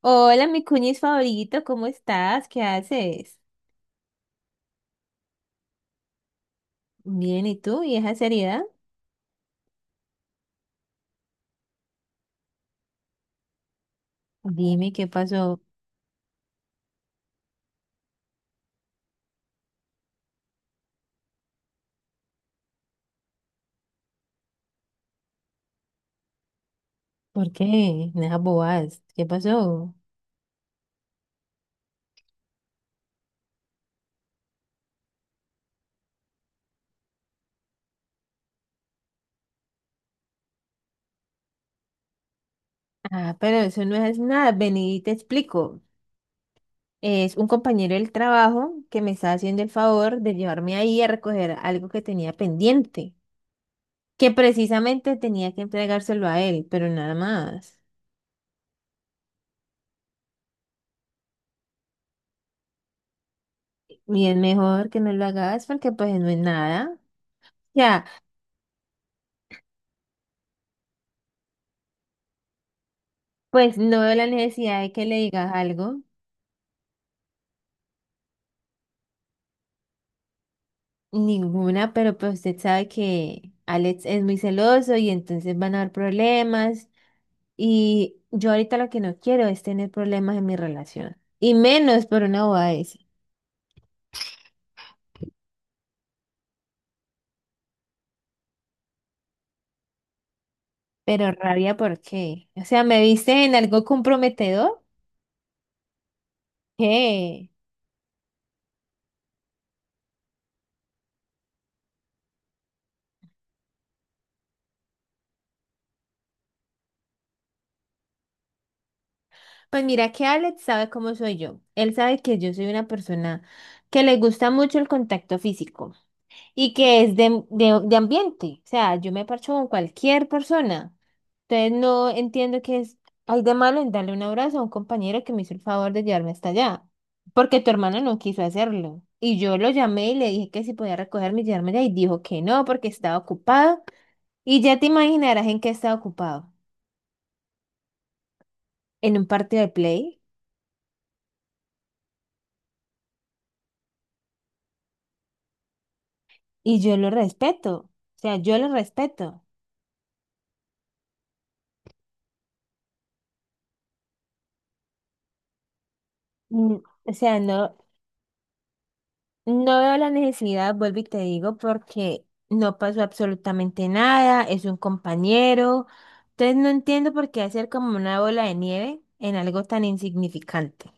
Hola, mi cuñis favorito, ¿cómo estás? ¿Qué haces? Bien, ¿y tú? ¿Y esa seriedad? Dime qué pasó. ¿Por qué? Nada bobadas. ¿Qué pasó? Ah, pero eso no es nada, vení y te explico. Es un compañero del trabajo que me está haciendo el favor de llevarme ahí a recoger algo que tenía pendiente, que precisamente tenía que entregárselo a él, pero nada más. Y es mejor que no lo hagas porque pues no es nada. Ya, pues no veo la necesidad de que le digas algo. Ninguna, pero pues usted sabe que Alex es muy celoso y entonces van a haber problemas. Y yo ahorita lo que no quiero es tener problemas en mi relación. Y menos por una boda esa. Pero rabia, ¿por qué? O sea, ¿me viste en algo comprometedor? ¿Qué? Pues mira que Alex sabe cómo soy yo. Él sabe que yo soy una persona que le gusta mucho el contacto físico, y que es de ambiente. O sea, yo me parcho con cualquier persona. Entonces no entiendo qué es, hay de malo en darle un abrazo a un compañero que me hizo el favor de llevarme hasta allá, porque tu hermano no quiso hacerlo. Y yo lo llamé y le dije que si podía recogerme y llevarme allá y dijo que no porque estaba ocupado. Y ya te imaginarás en qué estaba ocupado, en un partido de play. Y yo lo respeto, o sea, yo lo respeto. Mm. O sea, no, no veo la necesidad, vuelvo y te digo, porque no pasó absolutamente nada, es un compañero. Entonces no entiendo por qué hacer como una bola de nieve en algo tan insignificante. O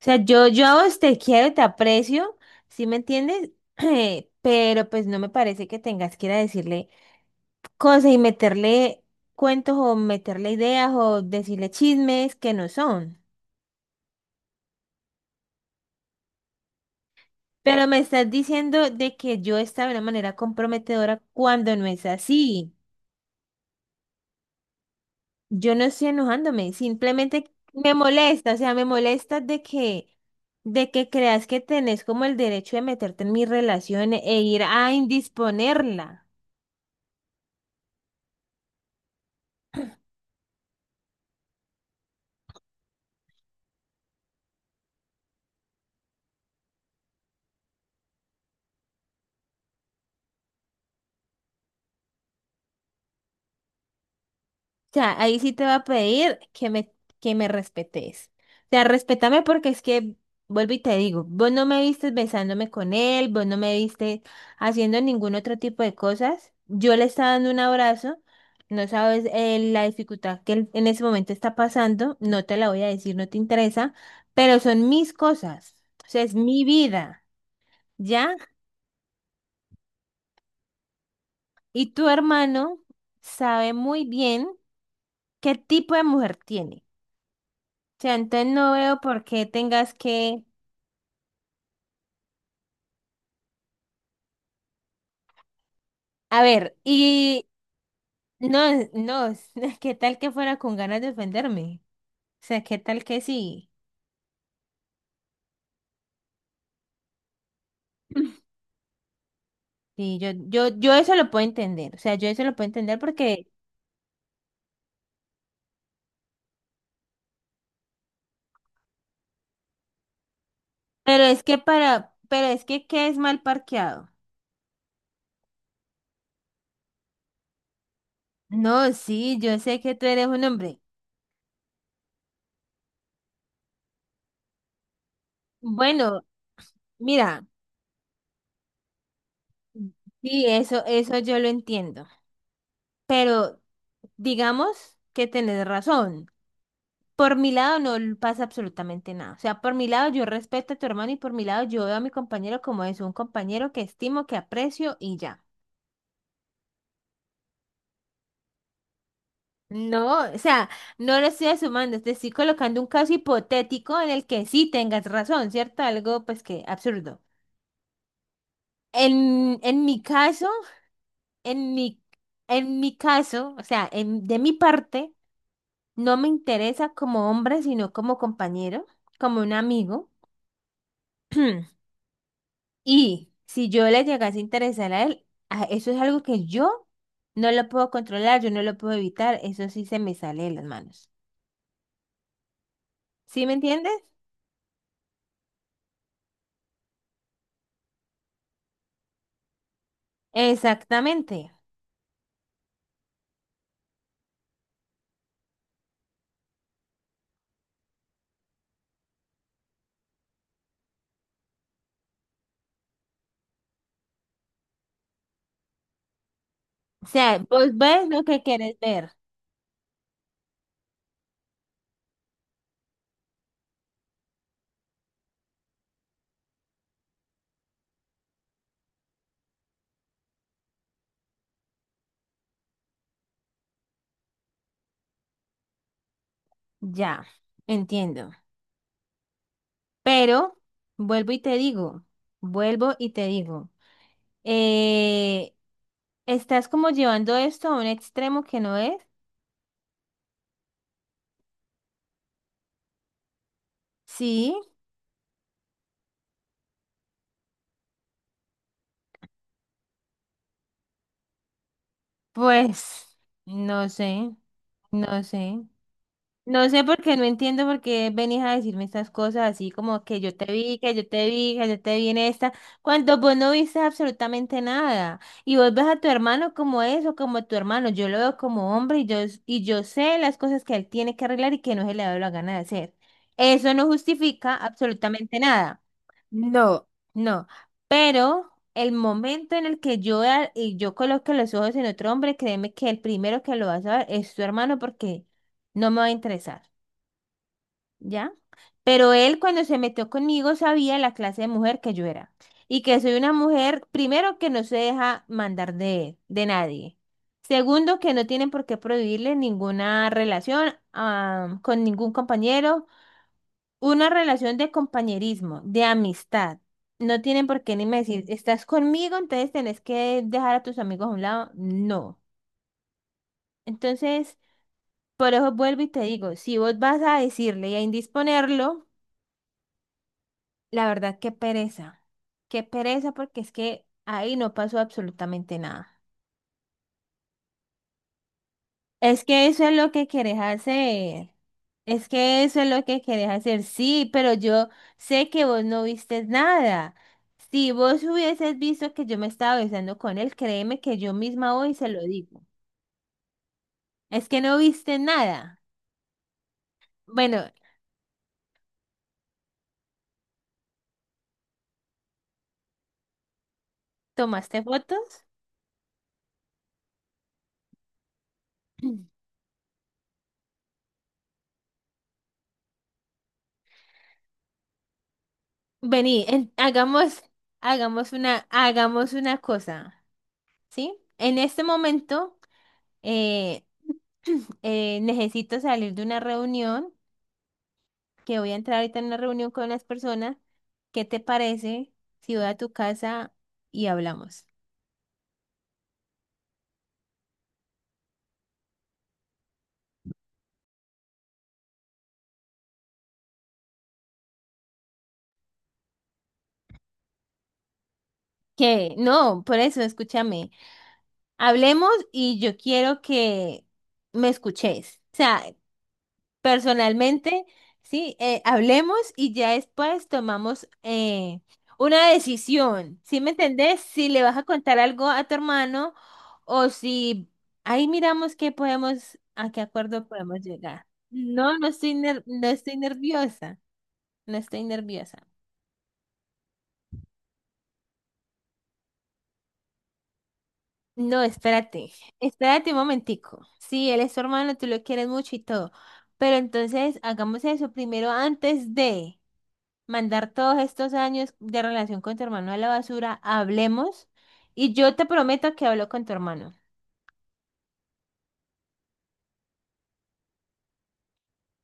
sea, yo, a vos te quiero, te aprecio, ¿sí me entiendes? Pero pues no me parece que tengas que ir a decirle cosas y meterle cuentos o meterle ideas o decirle chismes que no son. Pero me estás diciendo de que yo estaba de una manera comprometedora cuando no es así. Yo no estoy enojándome, simplemente me molesta, o sea, me molesta de que creas que tenés como el derecho de meterte en mis relaciones e ir a indisponerla. Sea, ahí sí te va a pedir que me respetes. O sea, respétame porque es que, vuelvo y te digo, vos no me viste besándome con él, vos no me viste haciendo ningún otro tipo de cosas. Yo le estaba dando un abrazo, no sabes la dificultad que él en ese momento está pasando, no te la voy a decir, no te interesa, pero son mis cosas, o sea, es mi vida, ¿ya? Y tu hermano sabe muy bien qué tipo de mujer tiene. Sea, entonces no veo por qué tengas que... A ver, y no, no, ¿qué tal que fuera con ganas de ofenderme? O sea, ¿qué tal que sí? Sí, yo eso lo puedo entender, o sea, yo eso lo puedo entender porque, pero es que para, pero es que ¿qué es mal parqueado? No, sí, yo sé que tú eres un hombre. Bueno, mira, sí, eso yo lo entiendo, pero digamos que tenés razón. Por mi lado no pasa absolutamente nada. O sea, por mi lado yo respeto a tu hermano y por mi lado yo veo a mi compañero como es un compañero que estimo, que aprecio y ya. No, o sea, no lo estoy sumando, te estoy colocando un caso hipotético en el que sí tengas razón, ¿cierto? Algo pues que absurdo. En mi caso, en mi, en mi caso, o sea, en, de mi parte, no me interesa como hombre, sino como compañero, como un amigo. Y si yo le llegase a interesar a él, a- eso es algo que yo no lo puedo controlar, yo no lo puedo evitar, eso sí se me sale de las manos. ¿Sí me entiendes? Exactamente. O sea, vos ves lo que quieres ver. Ya, entiendo. Pero vuelvo y te digo, vuelvo y te digo, eh, estás como llevando esto a un extremo que no es. Sí, pues, no sé, no sé. No sé por qué, no entiendo por qué venís a decirme estas cosas así como que yo te vi, que yo te vi, que yo te vi en esta, cuando vos no viste absolutamente nada. Y vos ves a tu hermano como eso, como tu hermano. Yo lo veo como hombre y yo sé las cosas que él tiene que arreglar y que no se le da la gana de hacer. Eso no justifica absolutamente nada. No, no, pero el momento en el que yo, vea- y yo coloque los ojos en otro hombre, créeme que el primero que lo va a saber es tu hermano porque no me va a interesar, ¿ya? Pero él cuando se metió conmigo sabía la clase de mujer que yo era y que soy una mujer, primero, que no se deja mandar de nadie. Segundo, que no tienen por qué prohibirle ninguna relación ah, con ningún compañero, una relación de compañerismo, de amistad. No tienen por qué ni me decir, estás conmigo, entonces tenés que dejar a tus amigos a un lado. No. Entonces, por eso vuelvo y te digo, si vos vas a decirle y a indisponerlo, la verdad, qué pereza. Qué pereza porque es que ahí no pasó absolutamente nada. Es que eso es lo que querés hacer. Es que eso es lo que querés hacer. Sí, pero yo sé que vos no viste nada. Si vos hubieses visto que yo me estaba besando con él, créeme que yo misma hoy se lo digo. Es que no viste nada. Bueno, ¿tomaste fotos? Vení, en- hagamos, hagamos una cosa, ¿sí? En este momento. eh, necesito salir de una reunión, que voy a entrar ahorita en una reunión con unas personas. ¿Qué te parece si voy a tu casa y hablamos? Que no, por eso, escúchame. Hablemos y yo quiero que me escuches. O sea, personalmente, sí, hablemos y ya después tomamos una decisión. ¿Sí me entendés? Si le vas a contar algo a tu hermano o si ahí miramos qué podemos, a qué acuerdo podemos llegar. No, no estoy ner- no estoy nerviosa. No estoy nerviosa. No, espérate. Espérate un momentico. Sí, él es tu hermano, tú lo quieres mucho y todo. Pero entonces hagamos eso primero antes de mandar todos estos años de relación con tu hermano a la basura, hablemos y yo te prometo que hablo con tu hermano.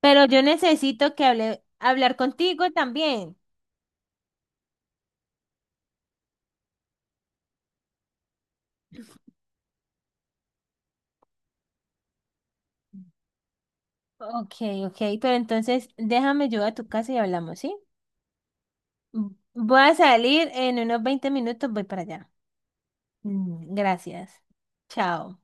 Pero yo necesito que hable, hablar contigo también. Ok, ok, pero entonces déjame yo a tu casa y hablamos, ¿sí? Mm, voy a salir en unos 20 minutos, voy para allá. Mm, gracias. Chao.